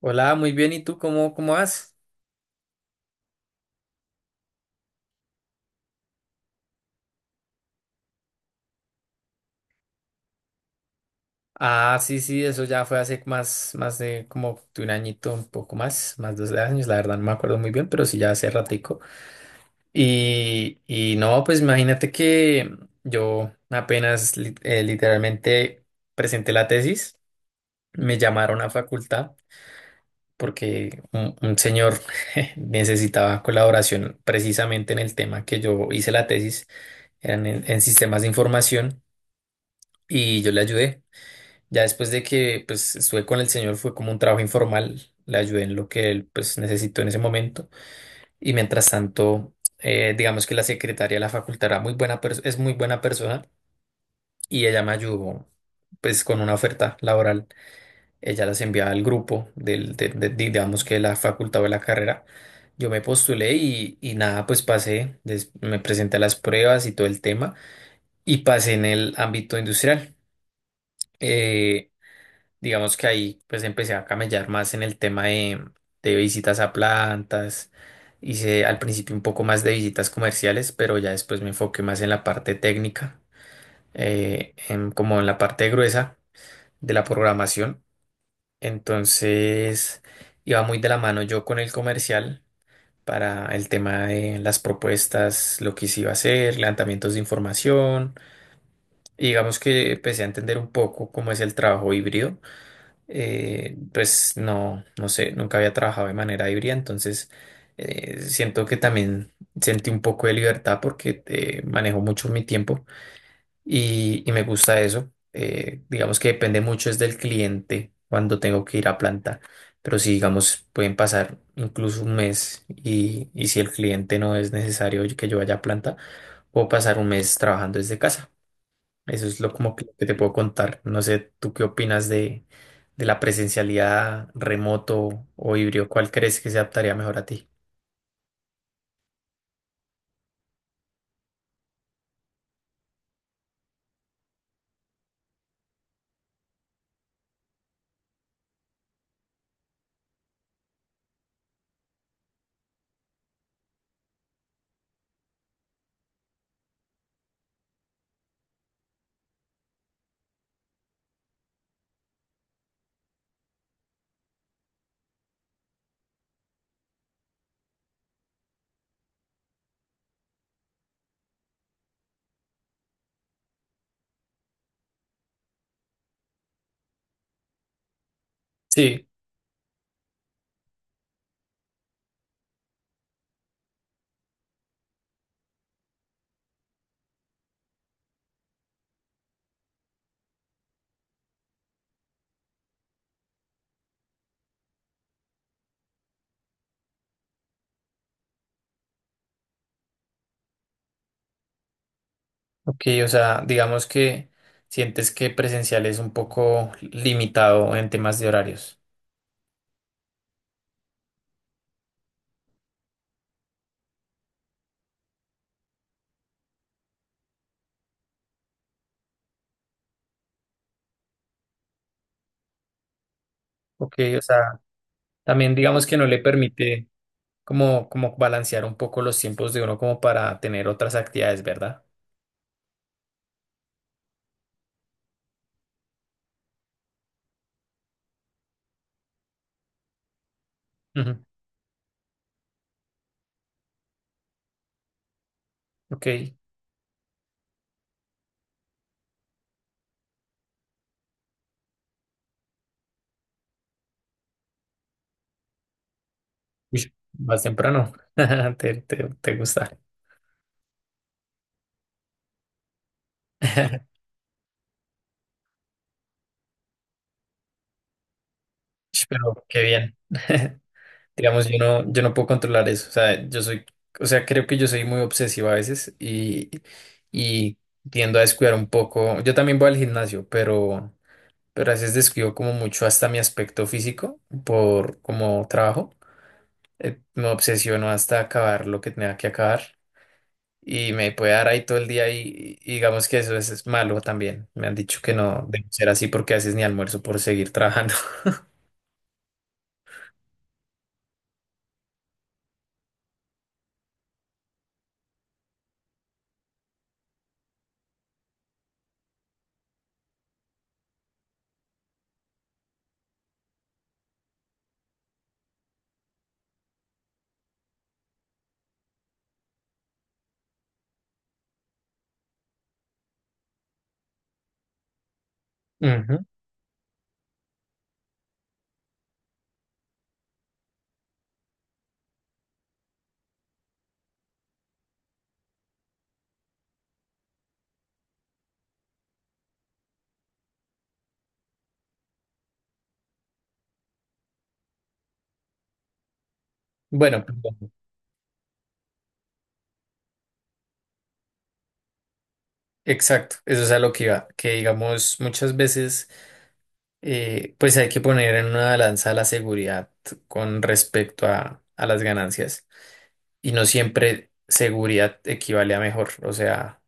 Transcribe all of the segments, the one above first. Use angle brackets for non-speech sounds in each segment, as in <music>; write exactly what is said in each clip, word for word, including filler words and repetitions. Hola, muy bien. ¿Y tú cómo, cómo vas? Ah, sí, sí, eso ya fue hace más, más de como de un añito, un poco más, más de dos años, la verdad no me acuerdo muy bien, pero sí ya hace ratico. Y, y no, pues imagínate que yo apenas li- eh, literalmente presenté la tesis, me llamaron a facultad porque un, un señor <laughs> necesitaba colaboración precisamente en el tema que yo hice la tesis, eran en en sistemas de información y yo le ayudé. Ya después de que pues estuve con el señor fue como un trabajo informal, le ayudé en lo que él pues necesitó en ese momento y mientras tanto eh, digamos que la secretaria de la facultad era muy buena pers- es muy buena persona y ella me ayudó pues con una oferta laboral, ella las enviaba al grupo del, de, de- digamos que de la facultad o de la carrera, yo me postulé y, y nada pues pasé, Des- me presenté a las pruebas y todo el tema y pasé en el ámbito industrial. Eh, Digamos que ahí pues empecé a camellar más en el tema de, de visitas a plantas. Hice al principio un poco más de visitas comerciales, pero ya después me enfoqué más en la parte técnica, eh, en- como en la parte gruesa de la programación. Entonces iba muy de la mano yo con el comercial para el tema de las propuestas, lo que se iba a hacer, levantamientos de información. Y digamos que empecé a entender un poco cómo es el trabajo híbrido. Eh, pues no, no sé, nunca había trabajado de manera híbrida, entonces eh, siento que también sentí un poco de libertad porque eh, manejo mucho mi tiempo y, y me gusta eso. Eh, digamos que depende mucho es del cliente cuando tengo que ir a planta, pero si digamos pueden pasar incluso un mes y, y si el cliente no es necesario que yo vaya a planta, puedo pasar un mes trabajando desde casa. Eso es lo como que, que te puedo contar. No sé, ¿tú qué opinas de, de la presencialidad remoto o híbrido? ¿Cuál crees que se adaptaría mejor a ti? Sí, ok, o sea, digamos que sientes que presencial es un poco limitado en temas de horarios. Ok, o sea, también digamos que no le permite como, como balancear un poco los tiempos de uno como para tener otras actividades, ¿verdad? Ujú. Ok. Uy, más temprano. <laughs> Te, te, te gusta. <laughs> Pero qué bien. <laughs> Digamos, yo no, yo no puedo controlar eso. O sea, yo soy, o sea, creo que yo soy muy obsesivo a veces y, y tiendo a descuidar un poco. Yo también voy al gimnasio, pero, pero a veces descuido como mucho hasta mi aspecto físico por como trabajo. Eh, me obsesiono hasta acabar lo que tenga que acabar y me puede dar ahí todo el día y, y digamos que eso es, es malo también. Me han dicho que no debe ser así porque a veces ni almuerzo por seguir trabajando. <laughs> Ujú. Bueno, perdón. Exacto, eso es a lo que iba, que digamos muchas veces eh, pues hay que poner en una balanza la seguridad con respecto a, a las ganancias y no siempre seguridad equivale a mejor, o sea,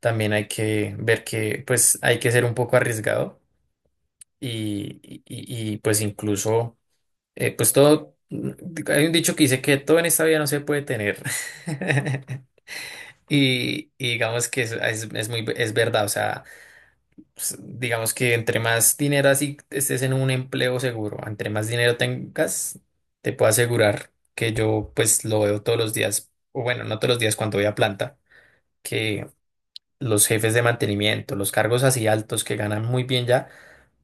también hay que ver que pues hay que ser un poco arriesgado y, y- y, pues incluso eh, pues todo, hay un dicho que dice que todo en esta vida no se puede tener. <laughs> y, y digamos que es, es es muy, es verdad, o sea. Pues, digamos que entre más dinero así estés en un empleo seguro, entre más dinero tengas, te puedo asegurar que yo pues lo veo todos los días, o bueno, no todos los días cuando voy a planta, que los jefes de mantenimiento, los cargos así altos que ganan muy bien ya,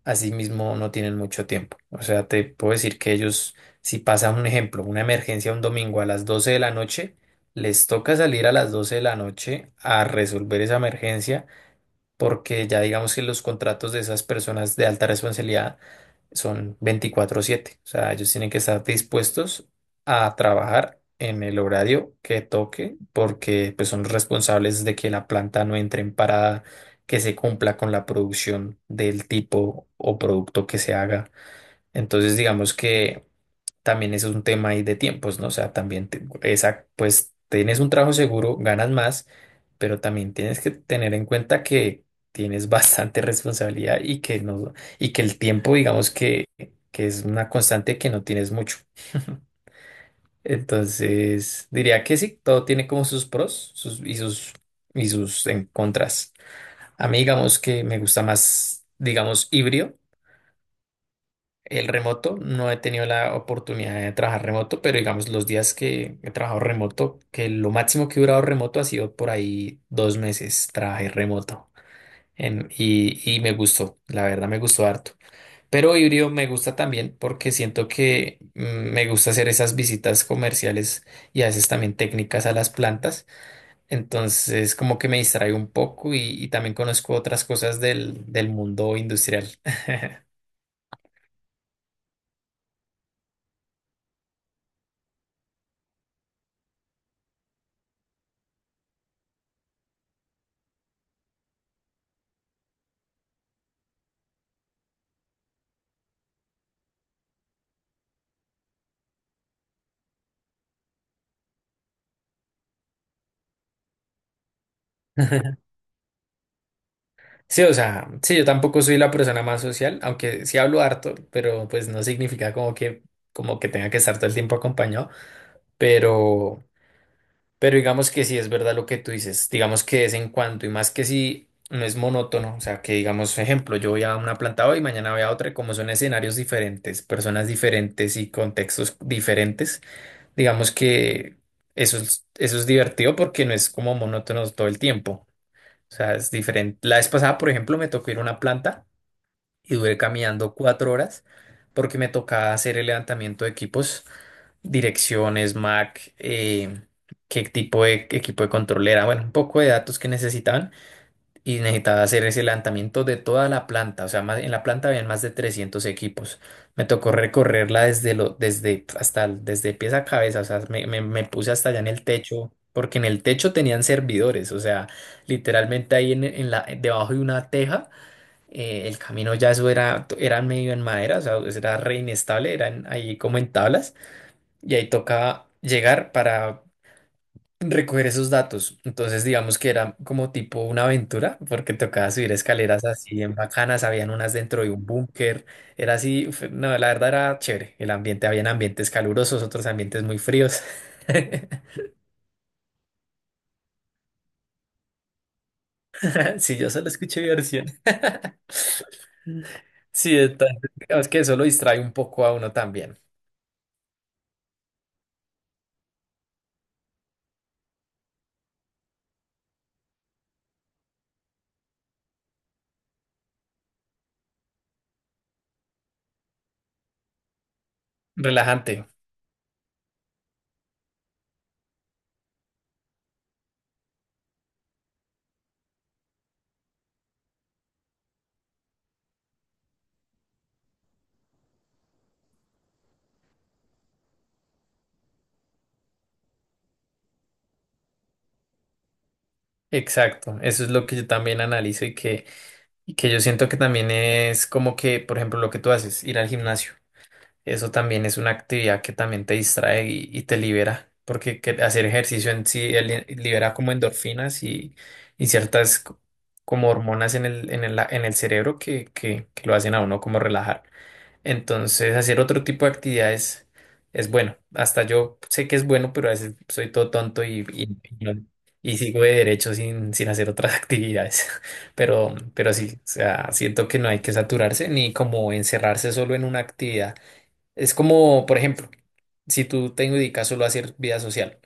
así mismo no tienen mucho tiempo. O sea, te puedo decir que ellos, si pasa un ejemplo, una emergencia un domingo a las doce de la noche, les toca salir a las doce de la noche a resolver esa emergencia porque ya digamos que los contratos de esas personas de alta responsabilidad son veinticuatro siete, o sea, ellos tienen que estar dispuestos a trabajar en el horario que toque, porque pues son responsables de que la planta no entre en parada, que se cumpla con la producción del tipo o producto que se haga. Entonces, digamos que también es un tema ahí de tiempos, ¿no? O sea, también te- esa, pues tienes un trabajo seguro, ganas más, pero también tienes que tener en cuenta que tienes bastante <laughs> responsabilidad y que no, y que el tiempo, digamos que, que es una constante que no tienes mucho. <laughs> Entonces, diría que sí, todo tiene como sus pros sus, y sus y sus en contras. A mí digamos que me gusta más, digamos, híbrido el remoto. No he tenido la oportunidad de trabajar remoto, pero digamos los días que he trabajado remoto, que lo máximo que he durado remoto ha sido por ahí dos meses, trabajé remoto. En- y, y me gustó, la verdad me gustó harto. Pero híbrido me gusta también porque siento que mm, me gusta hacer esas visitas comerciales y a veces también técnicas a las plantas. Entonces como que me distraigo un poco y, y también conozco otras cosas del, del mundo industrial. <laughs> Sí, o sea, sí, yo tampoco soy la persona más social, aunque sí hablo harto, pero pues no significa como que, como que tenga que estar todo el tiempo acompañado. Pero, pero digamos que sí es verdad lo que tú dices, digamos que de vez en cuando, y más que si no es monótono, o sea, que digamos, ejemplo, yo voy a una planta hoy, mañana voy a otra, y como son escenarios diferentes, personas diferentes y contextos diferentes, digamos que eso es, eso es divertido porque no es como monótono todo el tiempo. O sea, es diferente. La vez pasada, por ejemplo, me tocó ir a una planta y duré caminando cuatro horas porque me tocaba hacer el levantamiento de equipos, direcciones, M A C, eh, qué tipo de equipo de control era, bueno, un poco de datos que necesitaban y necesitaba hacer ese levantamiento de toda la planta, o sea, más, en la planta habían más de trescientos equipos. Me tocó recorrerla desde lo, desde hasta el- desde pies a cabeza, o sea, me, me, me puse hasta allá en el techo. Porque en el techo tenían servidores, o sea, literalmente ahí en, en la, debajo de una teja, eh, el camino ya eso era, era medio en madera, o sea, eso era re inestable, eran ahí como en tablas, y ahí tocaba llegar para recoger esos datos. Entonces, digamos que era como tipo una aventura, porque tocaba subir escaleras así en bacanas, habían unas dentro de un búnker, era así, uf, no, la verdad era chévere, el ambiente, habían ambientes calurosos, otros ambientes muy fríos. <laughs> Si yo solo escuché mi versión. Sí, entonces, digamos que eso lo distrae un poco a uno también. Relajante. Exacto, eso es lo que yo también analizo y que, y que yo siento que también es como que, por ejemplo, lo que tú haces, ir al gimnasio, eso también es una actividad que también te distrae y, y te libera, porque que- hacer ejercicio en sí eli- libera como endorfinas y, y ciertas co- como hormonas en el, en el, en el cerebro que, que, que lo hacen a uno como relajar. Entonces, hacer otro tipo de actividades es bueno. Hasta yo sé que es bueno, pero a veces soy todo tonto y, y, y no- y sigo de derecho sin, sin hacer otras <laughs> actividades. Pero, pero sí, o sea, siento que no hay que saturarse ni como encerrarse solo en una actividad. Es como, por ejemplo, si tú te dedicas solo a hacer vida social.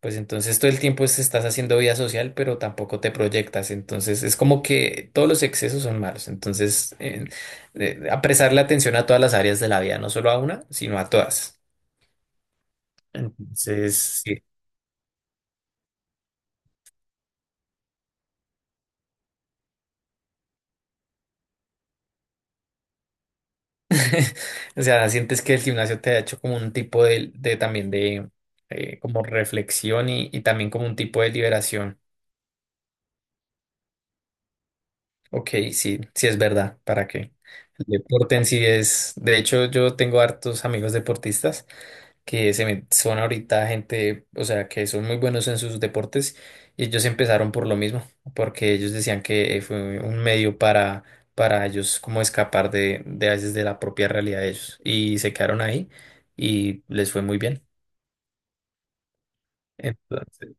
Pues entonces todo el tiempo es- estás haciendo vida social, pero tampoco te proyectas. Entonces es como que todos los excesos son malos. Entonces, eh, eh, apresar la atención a todas las áreas de la vida, no solo a una, sino a todas. Entonces, sí. <laughs> O sea, sientes que el gimnasio te ha hecho como un tipo de, de también de eh, como reflexión y, y también como un tipo de liberación. Ok, sí, sí es verdad. ¿Para qué? El deporte en sí es, de hecho, yo tengo hartos amigos deportistas. Que se me- son ahorita gente, o sea, que son muy buenos en sus deportes y ellos empezaron por lo mismo, porque ellos decían que eh, fue un medio para, para ellos como escapar de, de a veces de la propia realidad de ellos y se quedaron ahí y les fue muy bien. Entonces,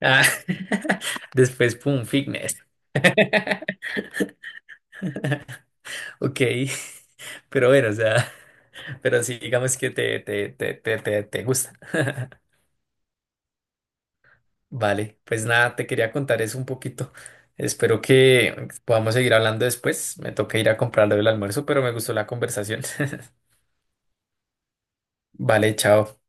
ah, <laughs> después, pum, fitness. <laughs> Ok, <laughs> pero bueno, o sea, <laughs> pero sí, digamos que te, te, te, te, te, te gusta. <laughs> Vale, pues nada, te quería contar eso un poquito. Espero que podamos seguir hablando después. Me toca ir a comprarlo del almuerzo, pero me gustó la conversación. <laughs> Vale, chao.